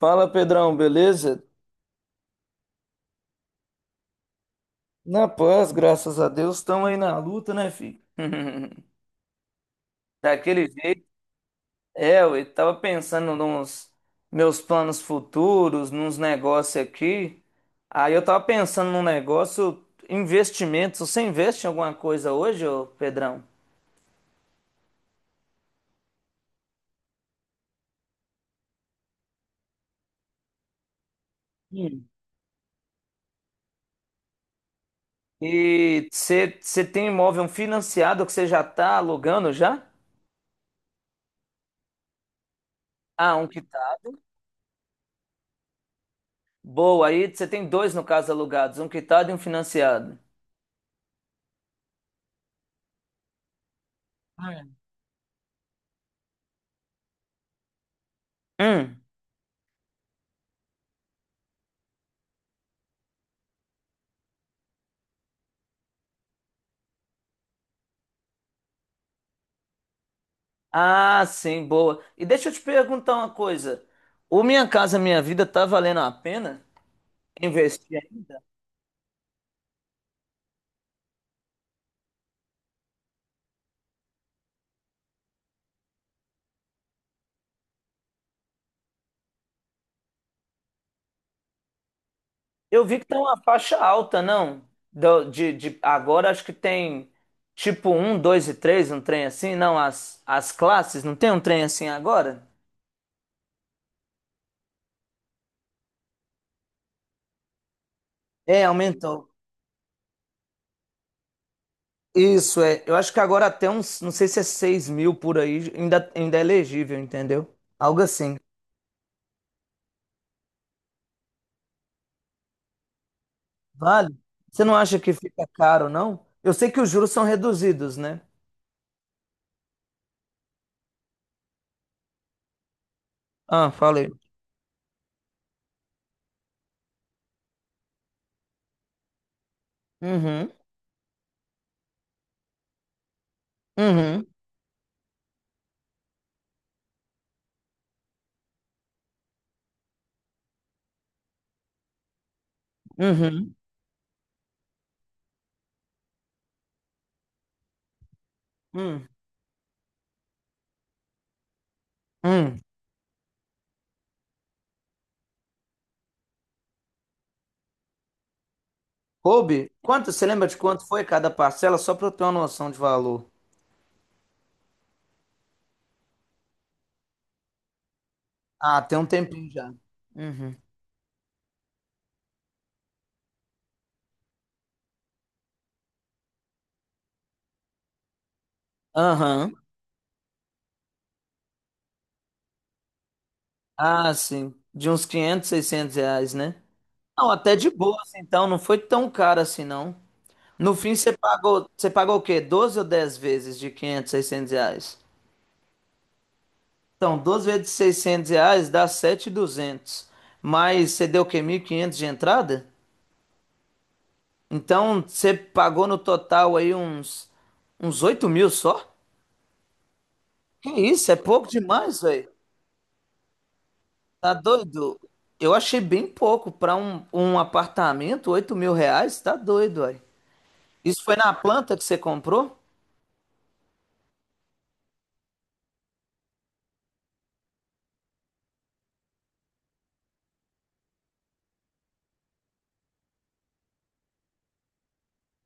Fala, Pedrão, beleza? Na paz, graças a Deus, estamos aí na luta, né, filho? Daquele jeito. É, eu tava pensando nos meus planos futuros, nos negócios aqui. Aí eu tava pensando num negócio, investimentos. Você investe em alguma coisa hoje, ô Pedrão? Sim. E você tem imóvel financiado que você já tá alugando já? Ah, um quitado. Boa, aí você tem dois no caso alugados, um quitado e um financiado. Ah, é. Hum. Ah, sim, boa. E deixa eu te perguntar uma coisa. O Minha Casa Minha Vida tá valendo a pena investir ainda? Eu vi que tá uma faixa alta, não? Agora acho que tem tipo um, dois e três, um trem assim, não? As classes, não tem um trem assim agora? É, aumentou. Isso, é. Eu acho que agora até uns, não sei se é 6 mil por aí, ainda é elegível, entendeu? Algo assim. Vale? Você não acha que fica caro, não? Eu sei que os juros são reduzidos, né? Ah, falei. Uhum, uhum, uhum, Hum, hum. Coube, quanto, você lembra de quanto foi cada parcela? Só para eu ter uma noção de valor. Ah, tem um tempinho já. Uhum. Aham. Ah, sim. De uns 500, 600 reais, né? Não, até de boa, assim, então. Não foi tão caro assim, não. No fim, você pagou o quê? 12 ou 10 vezes de 500, 600 reais? Então, 12 vezes 600 reais dá 7.200. Mas você deu o quê? 1.500 de entrada? Então você pagou no total aí uns 8 mil só? Que isso, é pouco demais, velho. Tá doido? Eu achei bem pouco para um apartamento, 8 mil reais, tá doido, velho. Isso foi na planta que você comprou?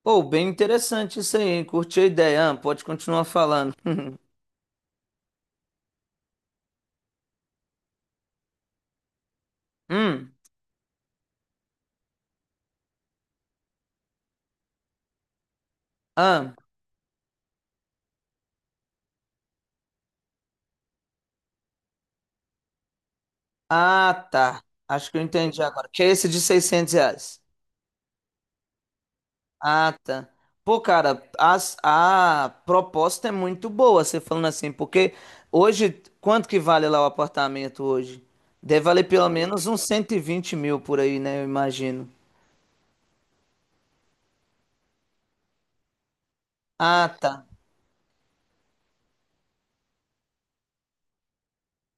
Pô, bem interessante isso aí, hein? Curti a ideia, ah, pode continuar falando. Hum, ah, ah, tá. Acho que eu entendi agora. Que é esse de 600 reais? Ah, tá. Pô, cara, a proposta é muito boa, você falando assim, porque hoje, quanto que vale lá o apartamento hoje? Deve valer pelo menos uns 120 mil por aí, né? Eu imagino. Ah, tá.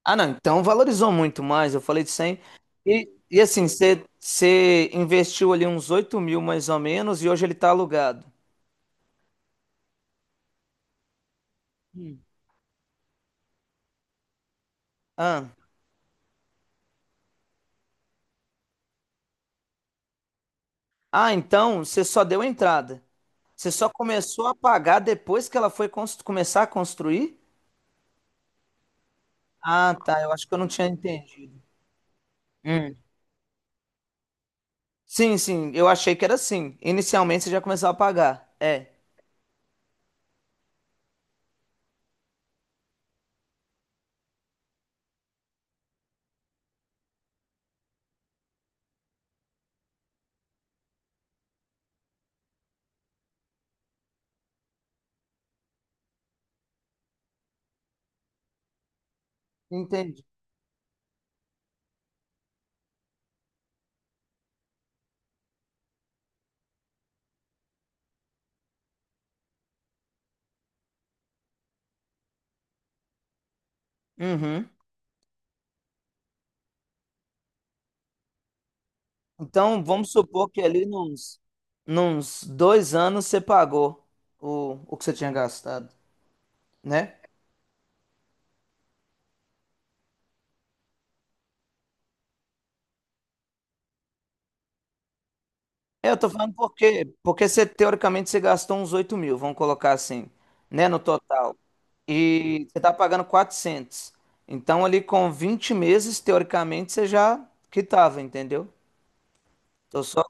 Ah, não, então valorizou muito mais, eu falei de 100. E assim, você investiu ali uns 8 mil mais ou menos e hoje ele tá alugado. Ah, ah, então você só deu a entrada. Você só começou a pagar depois que ela foi começar a construir? Ah, tá. Eu acho que eu não tinha entendido. Hum. Sim, sim. Eu achei que era assim. Inicialmente você já começou a pagar. É, entendi. Uhum. Então, vamos supor que ali nos 2 anos você pagou o que você tinha gastado, né? É, eu tô falando porque, você, teoricamente, você gastou uns 8 mil, vamos colocar assim, né, no total. E você tá pagando 400. Então, ali com 20 meses, teoricamente, você já quitava, entendeu? Tô só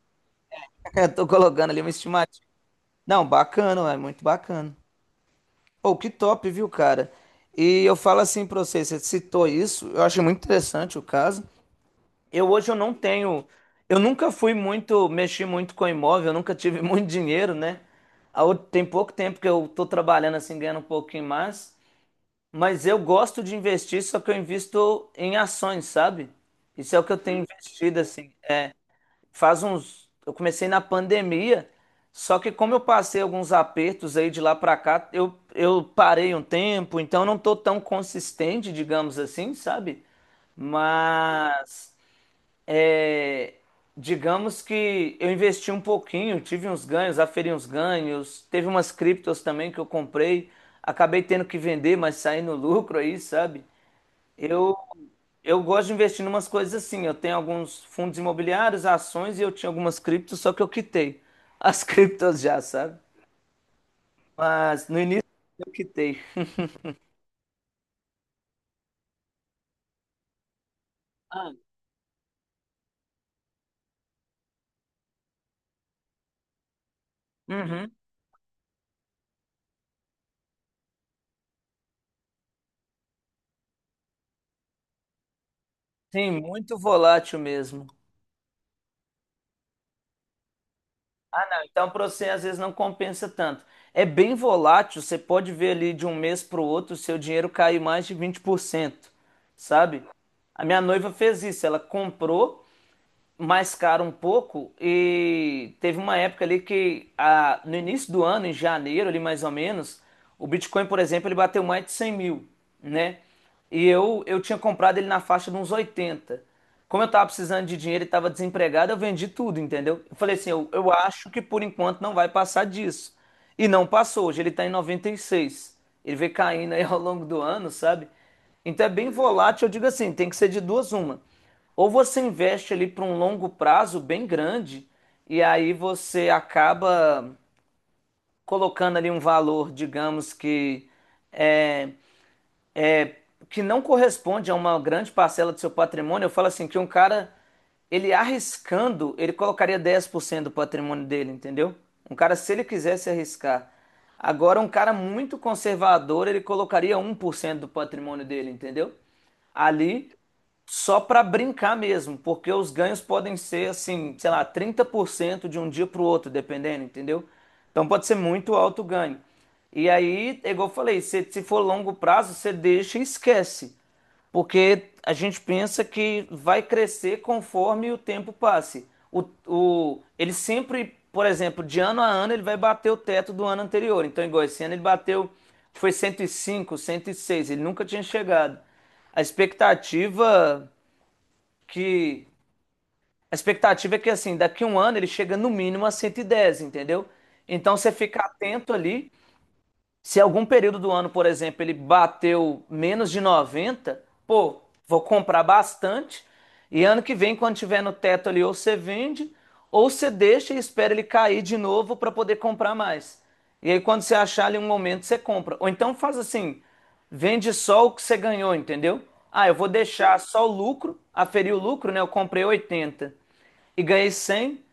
Eu tô colocando ali uma estimativa. Não, bacana, é muito bacana. Pô, que top, viu, cara? E eu falo assim pra você, você citou isso, eu achei muito interessante o caso. Eu hoje eu não tenho, eu nunca fui muito, mexi muito com imóvel, eu nunca tive muito dinheiro, né? A outra- tem pouco tempo que eu tô trabalhando assim, ganhando um pouquinho mais, mas eu gosto de investir, só que eu invisto em ações, sabe? Isso é o que eu tenho investido assim. Faz uns. Eu comecei na pandemia, só que como eu passei alguns apertos aí de lá pra cá, eu parei um tempo, então eu não tô tão consistente, digamos assim, sabe? Mas, é, digamos que eu investi um pouquinho, tive uns ganhos, aferi uns ganhos, teve umas criptos também que eu comprei, acabei tendo que vender, mas saí no lucro aí, sabe? Eu gosto de investir em umas coisas assim. Eu tenho alguns fundos imobiliários, ações e eu tinha algumas criptos, só que eu quitei as criptos já, sabe? Mas no início eu quitei. Ah, uhum. Sim, muito volátil mesmo. Ah, não. Então para você às vezes não compensa tanto. É bem volátil, você pode ver ali de um mês para o outro o seu dinheiro cair mais de 20%, sabe? A minha noiva fez isso, ela comprou mais caro um pouco e teve uma época ali que no início do ano, em janeiro ali mais ou menos, o Bitcoin, por exemplo, ele bateu mais de 100 mil, né? E eu tinha comprado ele na faixa de uns 80. Como eu tava precisando de dinheiro e tava desempregado, eu vendi tudo, entendeu? Eu falei assim, eu acho que por enquanto não vai passar disso. E não passou, hoje ele tá em 96. Ele vem caindo aí ao longo do ano, sabe? Então é bem volátil, eu digo assim, tem que ser de duas uma. Ou você investe ali para um longo prazo bem grande e aí você acaba colocando ali um valor, digamos que é, é, que não corresponde a uma grande parcela do seu patrimônio. Eu falo assim que um cara ele arriscando, ele colocaria 10% do patrimônio dele, entendeu? Um cara se ele quisesse arriscar. Agora um cara muito conservador, ele colocaria 1% do patrimônio dele, entendeu? Ali só para brincar mesmo, porque os ganhos podem ser assim, sei lá, 30% de um dia para o outro, dependendo, entendeu? Então pode ser muito alto o ganho. E aí, é igual eu falei, se for longo prazo, você deixa e esquece. Porque a gente pensa que vai crescer conforme o tempo passe. Ele sempre, por exemplo, de ano a ano, ele vai bater o teto do ano anterior. Então, igual esse ano, ele bateu, foi 105 106 ele nunca tinha chegado. A expectativa que. A expectativa é que, assim, daqui a um ano ele chega no mínimo a 110, entendeu? Então, você fica atento ali se algum período do ano, por exemplo, ele bateu menos de 90, pô, vou comprar bastante. E ano que vem, quando tiver no teto ali, ou você vende, ou você deixa e espera ele cair de novo para poder comprar mais. E aí, quando você achar ali um momento, você compra. Ou então faz assim: vende só o que você ganhou, entendeu? Ah, eu vou deixar só o lucro, aferir o lucro, né? Eu comprei 80 e ganhei 100.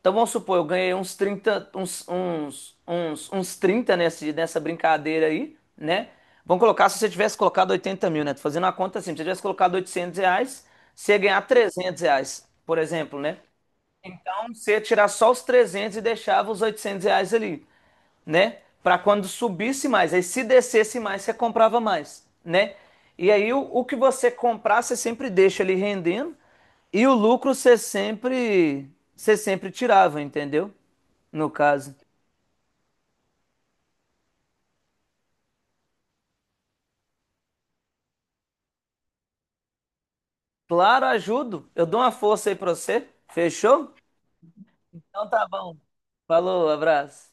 Então vamos supor, eu ganhei uns 30 uns 30 nessa brincadeira aí, né? Vamos colocar, se você tivesse colocado 80 mil, né? Tô fazendo uma conta assim, se você tivesse colocado 800 reais, você ia ganhar 300 reais, por exemplo, né? Então você ia tirar só os 300 e deixava os 800 reais ali, né? Para quando subisse mais. Aí se descesse mais, você comprava mais, né? E aí o que você comprar, você sempre deixa ali rendendo e o lucro você sempre tirava, entendeu? No caso. Claro, ajudo. Eu dou uma força aí para você. Fechou? Então tá bom. Falou, abraço.